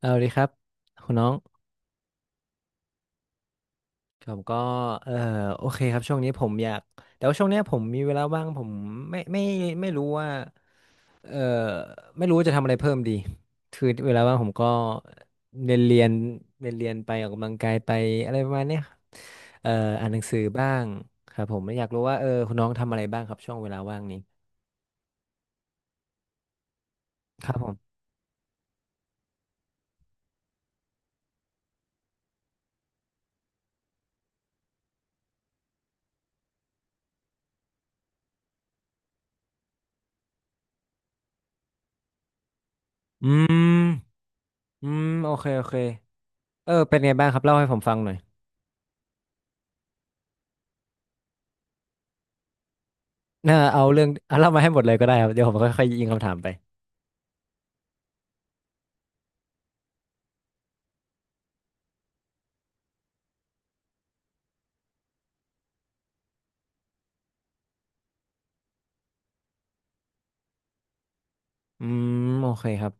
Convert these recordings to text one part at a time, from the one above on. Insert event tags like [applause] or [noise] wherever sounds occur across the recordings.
เอาดีครับคุณน้องผมก็เออโอเคครับช่วงนี้ผมอยากแต่ว่าช่วงเนี้ยผมมีเวลาว่างผมไม่ไม่ไม่รู้ว่าเออไม่รู้จะทำอะไรเพิ่มดีคือเวลาว่างผมก็เรียนเรียนเรียนเรียนไปออกกำลังกายไปอะไรประมาณเนี้ยเอออ่านหนังสือบ้างครับผมไม่อยากรู้ว่าคุณน้องทำอะไรบ้างครับช่วงเวลาว่างนี้ครับผมอืมอืมโอเคโอเคเป็นไงบ้างครับเล่าให้ผมฟังหน่อยน่าเอาเรื่องเอาเล่ามาให้หมดเลยก็ได้ครับเดี๋ยวผมค่อยๆยิงคำถามไป อืมโอเคครับ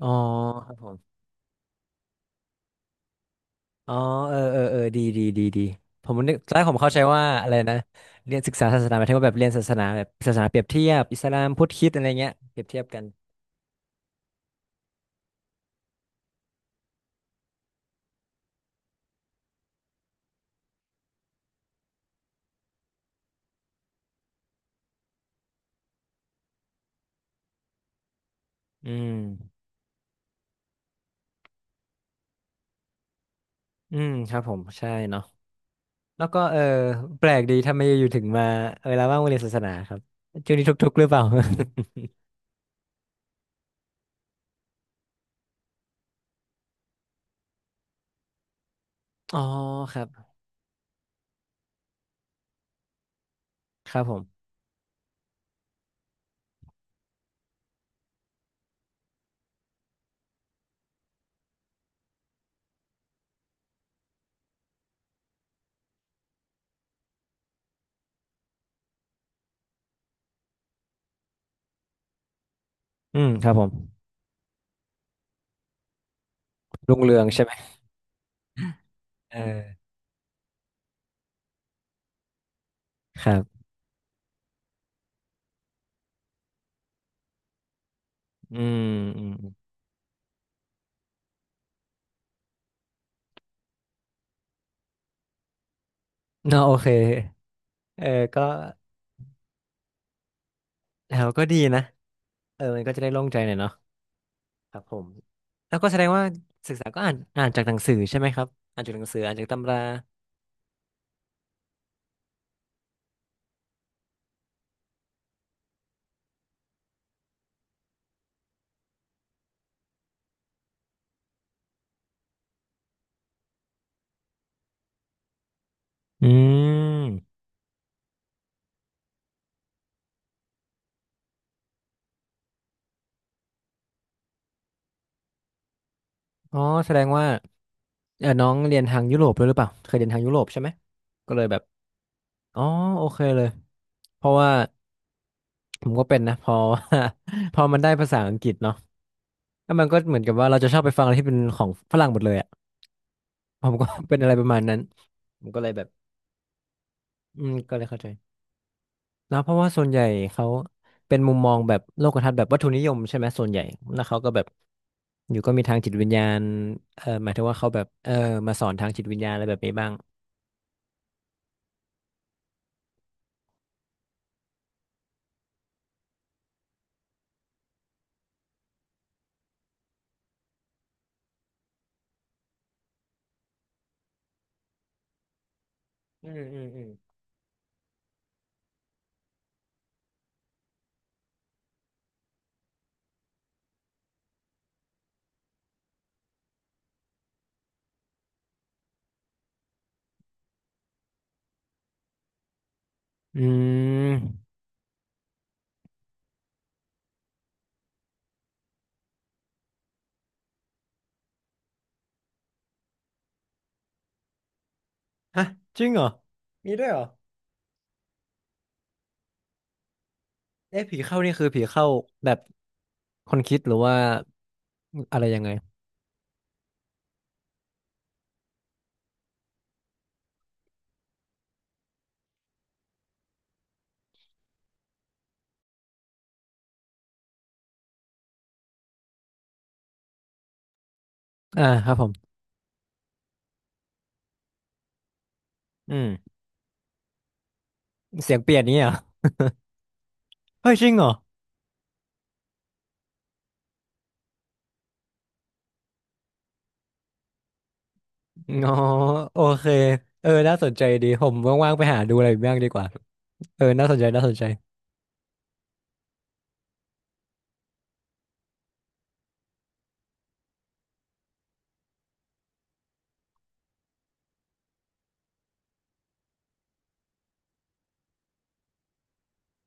อ๋อครับผมอ๋อเออเออเออดีดีดีดีผมนึกตอนแรกผมเข้าใจว่าอะไรนะเรียนศึกษาศาสนาหมายถึงว่าแบบเรียนศาสนาแบบศาสนาเปรียบเทียบอิสลามพุทธคริสต์อะไรเงี้ยเปรียบเทียบกันอืมอืมครับผมใช่เนาะแล้วก็แปลกดีทำไมอยู่ถึงมาแล้วว่างมาเรียนศาสนาครับช่วงนี้ทุกข์ๆหรือเปล่า [laughs] อ๋อครับครับผมอืมครับผมรุ่งเรืองใช่ไหมเออครับอืมอืมอืมเนาะโอเคเออก็แล้วก็ดีนะ มันก็จะได้โล่งใจหน่อยเนาะครับผมแล้วก็แสดงว่าศึกษาก็อ่านจากหนังสือใช่ไหมครับอ่านจากหนังสืออ่านจากตำราอืมอ๋อแสดงว่าน้องเรียนทางยุโรปด้วยหรือเปล่าเคยเรียนทางยุโรปใช่ไหมก็เลยแบบอ๋อโอเคเลยเพราะว่าผมก็เป็นนะพอ [laughs] พอมันได้ภาษาอังกฤษเนาะแล้วมันก็เหมือนกับว่าเราจะชอบไปฟังอะไรที่เป็นของฝรั่งหมดเลยอ่ะผมก็ [laughs] เป็นอะไรประมาณนั้นผมก็เลยแบบอืมก็เลยเข้าใจ แล้วเพราะว่าส่วนใหญ่เขาเป็นมุมมองแบบโลกทัศน์แบบวัตถุนิยมใช่ไหมส่วนใหญ่แล้วเขาก็แบบอยู่ก็มีทางจิตวิญญาณหมายถึงว่าเขาแบบมาสอนทางจิตวิญญาณอะไรแบบนี้บ้างอืมอืมอืมอืมฮะจริงเหรอมีด้วยเหรอเอ๊ะผีเข้านี่คือผีเข้าแบบคนคิดหรือว่าอะไรยังไงอ่าครับผมอืมเสียงเปลี่ยนนี้เหรอเฮ้ยจริงเหรออ๋อโอเคน่าสนใจดีผมว่างๆไปหาดูอะไรอีกบ้างดีกว่าน่าสนใจน่าสนใจ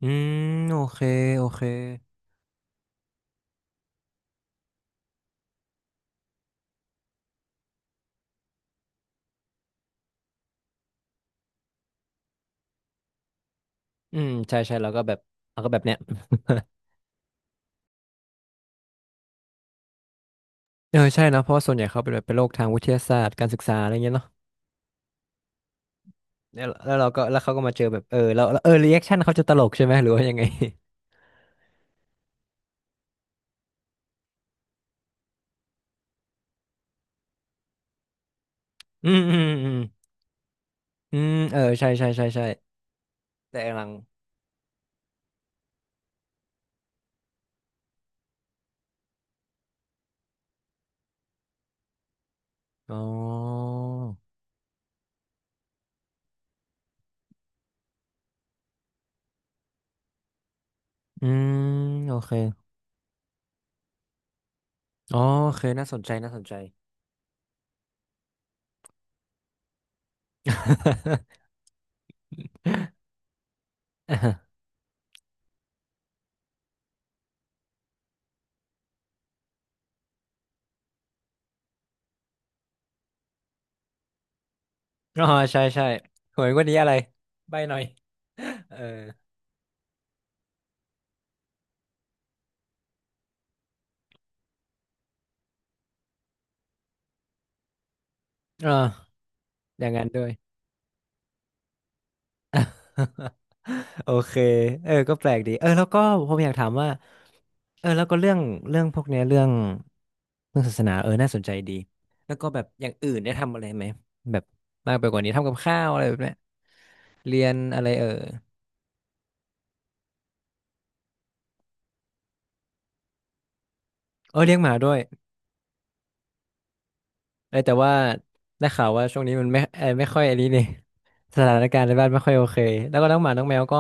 อืมโอเคโอเคอืมใช่ใช่แล้วก็แบบแล้วก็แบบเนี้ย [laughs] ใช่นะเพราะว่าส่วนใหญ่เขาเป็นแบบเป็นโรคทางวิทยาศาสตร์การศึกษาอะไรเงี้ยเนาะแล้วเราก็แล้วเขาก็มาเจอแบบแล้วรีแอคชั่นเขาจะตลกใช่ไหมหรือว่ายังไง [laughs] อืมอืมอืมอืมเออใช่ใช่ใช่ใช่แต่หลังอ๋ออืมโอเคอ๋อโอเคน่าสนใจน่าสนใจ [laughs] อ๋อใช่ใช่หวยงวันนี้อะไรใบหน่อย [laughs] เอออ่าอย่างนั้นด้วย [laughs] โอเคก็แปลกดีแล้วก็ผมอยากถามว่าแล้วก็เรื่องเรื่องพวกเนี้ยเรื่องศาสนาน่าสนใจดีแล้วก็แบบอย่างอื่นได้ทำอะไรไหมแบบมากไปกว่านี้ทำกับข้าวอะไรแบบเนี้ยเรียนอะไรเออเออเลี้ยงหมาด้วยแต่ว่าได้ข่าวว่าช่วงนี้มันไม่ค่อยอันนี้เนี่ย [laughs] สถานการณ์ในบ้านไม่ค่อยโอเคแล้วก็น้องหมาน้องแมวก็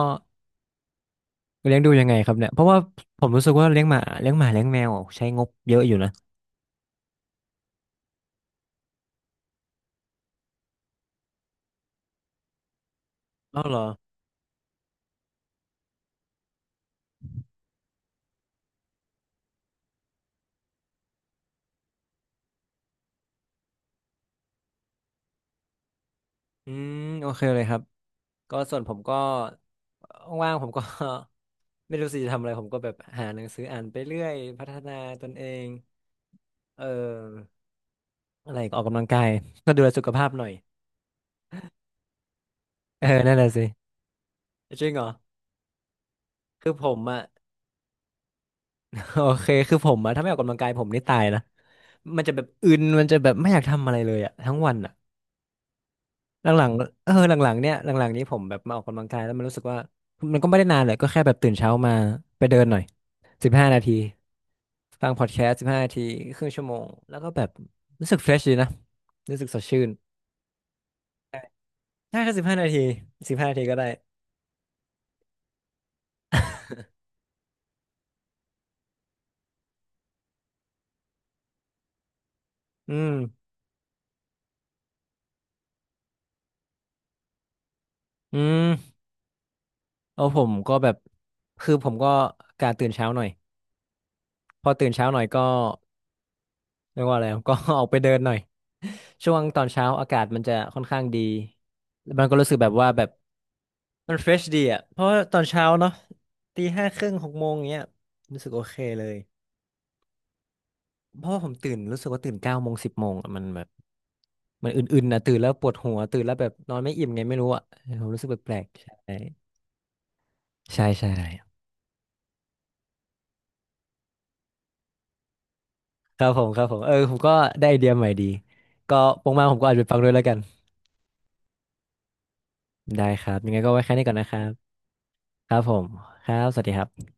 เลี้ยงดูยังไงครับเนี่ยเพราะว่าผมรู้สึกว่าเลี้ยงหมาเลี้ยงแมวใช้งบเยอะอยู่นะอ้าวเหรออืมโอเคเลยครับ ก็ส่วนผมก็ว่างๆผมก็ [laughs] ไม่รู้สิจะทำอะไรผมก็แบบหาหนังสืออ่านไปเรื่อยพัฒนาตนเองเอออะไรอีกออกกำลังกาย [laughs] ก็ดูแลสุขภาพหน่อย [laughs] นั่นแหละสิจริงเหรอคือผมอ่ะ [laughs] โอเคคือผมอ่ะถ้าไม่ออกกำลังกายผมนี่ตายนะมันจะแบบอึนมันจะแบบไม่อยากทำอะไรเลยอ่ะทั้งวันอ่ะหลังๆหลังๆเนี่ยหลังๆนี้ผมแบบมาออกกำลังกายแล้วมันรู้สึกว่ามันก็ไม่ได้นานเลยก็แค่แบบตื่นเช้ามาไปเดินหน่อยสิบห้านาที ฟังพอดแคสต์15 นาทีครึ่งชั่วโมงแล้วก็แบบรู้สึกเฟรชดีนะรู้สึกสดชื่นถ้าแค่สิบห้านาทีสิบห้านาทีก็ได้อืมอืมเอาผมก็แบบคือผมก็การตื่นเช้าหน่อยพอตื่นเช้าหน่อยก็เรียกว่าอะไรก็ [laughs] ออกไปเดินหน่อยช่วงตอนเช้าอากาศมันจะค่อนข้างดีมันก็รู้สึกแบบว่าแบบมันเฟรชดีอ่ะเพราะว่าตอนเช้าเนาะตีห้าครึ่งหกโมงเงี้ยรู้สึกโอเคเลย เพราะว่าผมตื่นรู้สึกว่าตื่นเก้าโมงสิบโมงอะมันแบบมันอื่นๆนะตื่นแล้วปวดหัวตื่นแล้วแบบนอนไม่อิ่มไงไม่รู้อ่ะผมรู้สึกแปลกๆใช่ใช่ใช่ครับผมครับผมผมก็ได้ไอเดียใหม่ดีก็ปงมาผมก็อาจจะไปฟังด้วยแล้วกันได้ครับยังไงก็ไว้แค่นี้ก่อนนะครับครับผมครับสวัสดีครับ